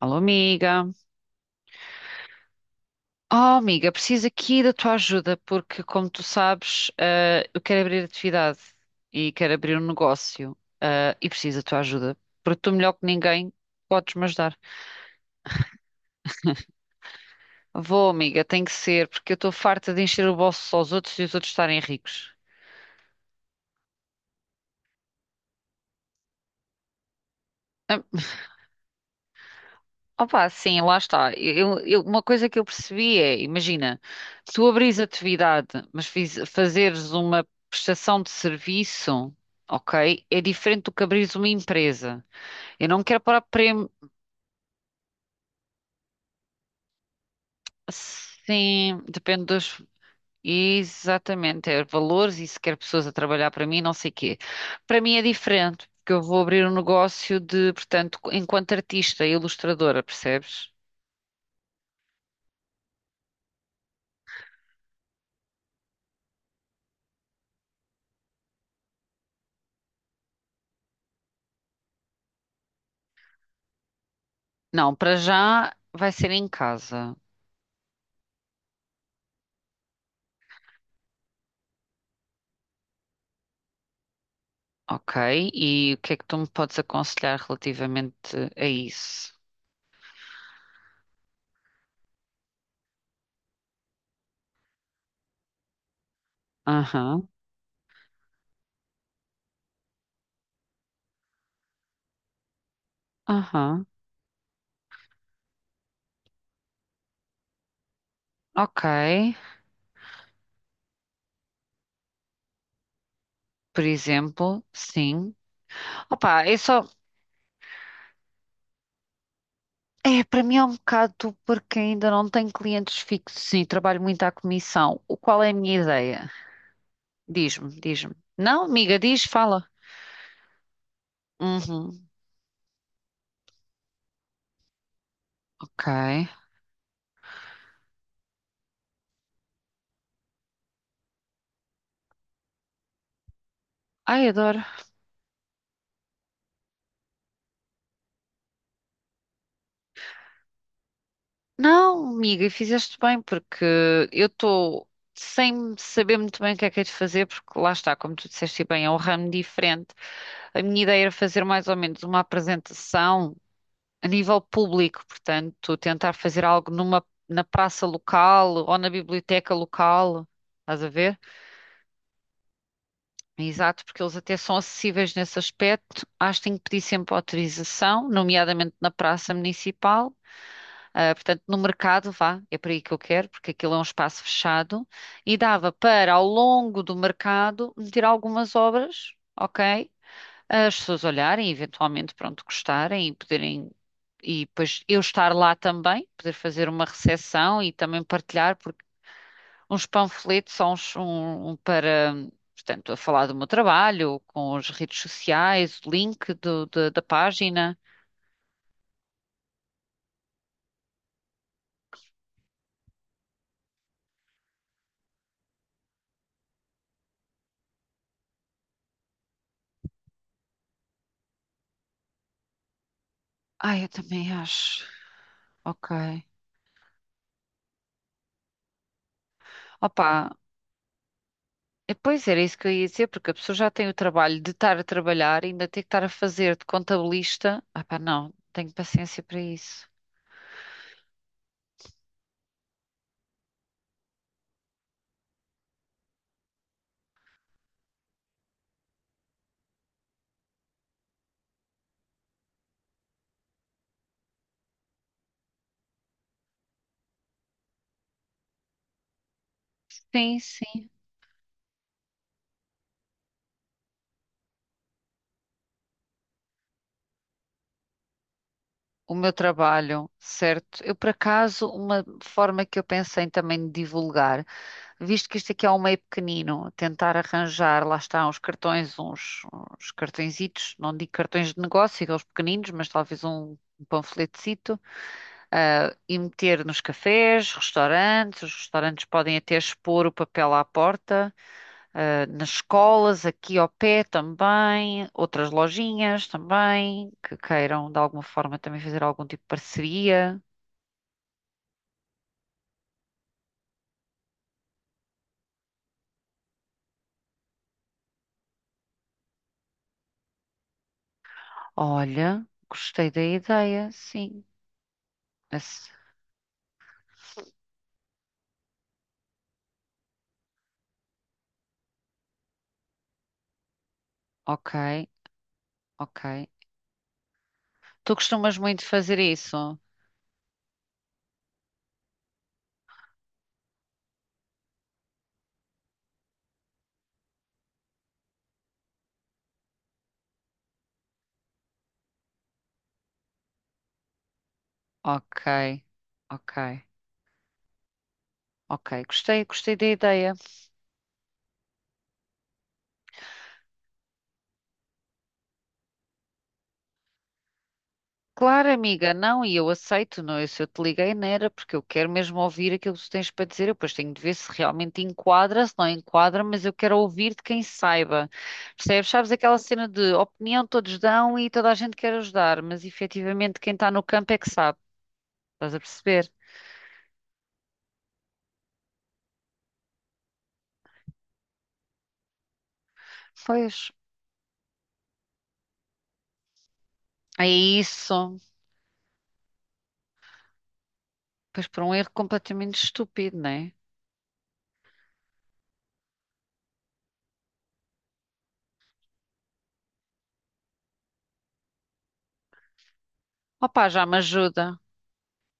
Alô, amiga. Oh, amiga, preciso aqui da tua ajuda, porque, como tu sabes, eu quero abrir atividade e quero abrir um negócio, e preciso da tua ajuda, porque tu, melhor que ninguém, podes-me ajudar. Vou, amiga, tem que ser, porque eu estou farta de encher o bolso aos outros e os outros estarem ricos. Hum. Opa, sim, lá está. Uma coisa que eu percebi é, imagina, se tu abris atividade, mas fazeres uma prestação de serviço, ok, é diferente do que abris uma empresa. Eu não quero parar prêmio. Sim, depende dos. Exatamente, é valores e se quer pessoas a trabalhar para mim, não sei quê. Para mim é diferente, porque eu vou abrir um negócio de, portanto, enquanto artista e ilustradora, percebes? Não, para já vai ser em casa. Ok, e o que é que tu me podes aconselhar relativamente a isso? Aham, aham, ok. Por exemplo, sim. Opa, é só, é, para mim é um bocado porque ainda não tenho clientes fixos, sim, trabalho muito à comissão. O qual é a minha ideia? Diz-me, diz-me. Não, amiga, diz, fala. Uhum, ok. Ai, adoro. Não, amiga, e fizeste bem, porque eu estou sem saber muito bem o que é que hei de fazer, porque lá está, como tu disseste e bem, é um ramo diferente. A minha ideia era fazer mais ou menos uma apresentação a nível público, portanto, tentar fazer algo numa, na praça local ou na biblioteca local, estás a ver? Exato, porque eles até são acessíveis nesse aspecto. Acho que tenho que pedir sempre autorização, nomeadamente na praça municipal. Ah, portanto, no mercado, vá, é para aí que eu quero, porque aquilo é um espaço fechado, e dava para, ao longo do mercado, meter algumas obras, ok? As pessoas olharem, eventualmente, pronto, gostarem e poderem, e depois eu estar lá também, poder fazer uma recepção e também partilhar, porque uns panfletos são uns, um para, portanto, a falar do meu trabalho, com as redes sociais, o link da página. Ai, eu também acho, ok. Opa, Eh, pois era isso que eu ia dizer, porque a pessoa já tem o trabalho de estar a trabalhar, e ainda tem que estar a fazer de contabilista. Ah, pá, não, tenho paciência para isso. Sim, sim. O meu trabalho, certo? Eu, por acaso, uma forma que eu pensei também de divulgar, visto que isto aqui é um meio pequenino, tentar arranjar, lá está, uns cartões, uns, uns cartõezitos, não digo cartões de negócio, aqueles pequeninos, mas talvez um, um panfletecito, e meter nos cafés, restaurantes, os restaurantes podem até expor o papel à porta, nas escolas, aqui ao pé também, outras lojinhas também, que queiram de alguma forma também fazer algum tipo de parceria. Olha, gostei da ideia, sim. Esse- ok, ok. Tu costumas muito fazer isso? Ok, ok, ok. Gostei, gostei da ideia. Claro, amiga, não, e eu aceito, não, eu, se eu te liguei não era porque eu quero mesmo ouvir aquilo que tu tens para dizer, eu depois tenho de ver se realmente enquadra, se não enquadra, mas eu quero ouvir de quem saiba, percebes? Sabes aquela cena de opinião todos dão e toda a gente quer ajudar, mas efetivamente quem está no campo é que sabe, estás a perceber? Pois, é isso, pois por um erro completamente estúpido, não é? Opá,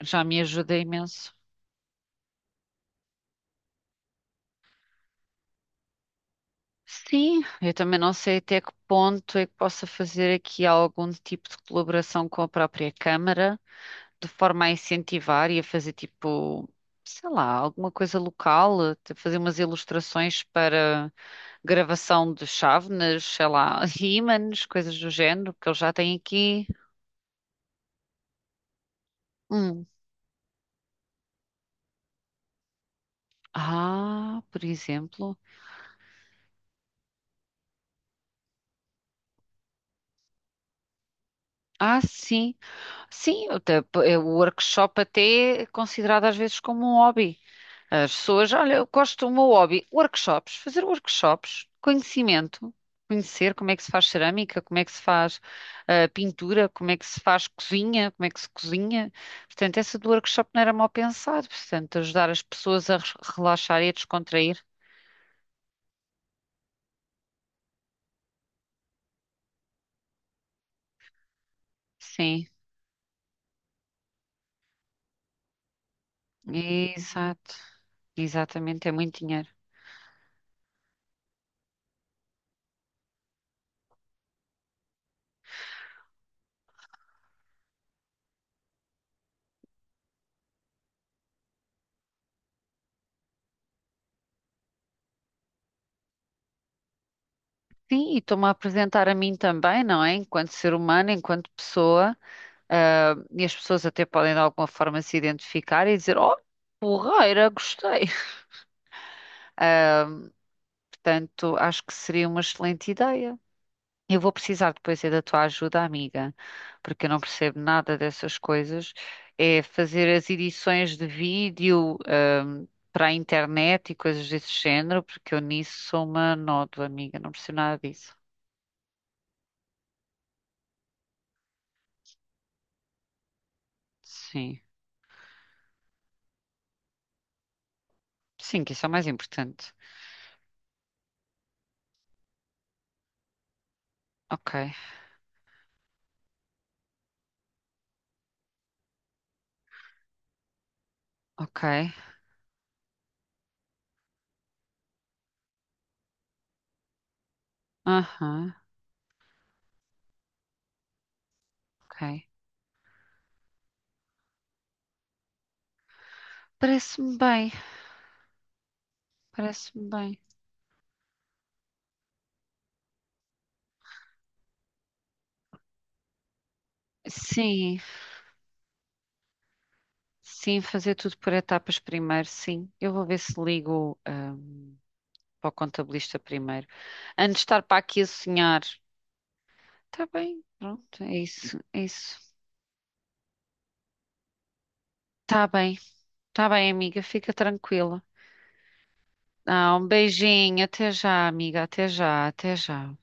já me ajuda imenso. Sim, eu também não sei até que ponto é que possa fazer aqui algum tipo de colaboração com a própria Câmara, de forma a incentivar e a fazer tipo, sei lá, alguma coisa local, até fazer umas ilustrações para gravação de chávenas, sei lá, ímãs, coisas do género, que eles já têm aqui. Hum. Ah, por exemplo. Ah, sim. É o workshop até é considerado às vezes como um hobby. As pessoas, olha, eu gosto do meu hobby, workshops, fazer workshops, conhecimento, conhecer como é que se faz cerâmica, como é que se faz pintura, como é que se faz cozinha, como é que se cozinha. Portanto, essa do workshop não era mal pensado, portanto, ajudar as pessoas a relaxar e a descontrair. Sim, exato, exatamente, é muito dinheiro. Sim, e estou-me a apresentar a mim também, não é? Enquanto ser humano, enquanto pessoa. Ah, e as pessoas até podem de alguma forma se identificar e dizer: Oh, porreira, gostei. Portanto, acho que seria uma excelente ideia. Eu vou precisar depois é da tua ajuda, amiga, porque eu não percebo nada dessas coisas. É fazer as edições de vídeo, para a internet e coisas desse género, porque eu nisso sou uma nódoa, amiga, não percebo nada disso. Sim, sim, que isso é o mais importante. Ok, ok, aham, ok. Parece-me bem. Parece-me bem. Sim, sim, fazer tudo por etapas primeiro, sim. Eu vou ver se ligo, ah, para o contabilista primeiro. Antes de estar para aqui a sonhar. Tá bem, pronto, é isso, é isso. Tá bem, tá bem, amiga, fica tranquila. Ah, um beijinho, até já, amiga, até já, até já.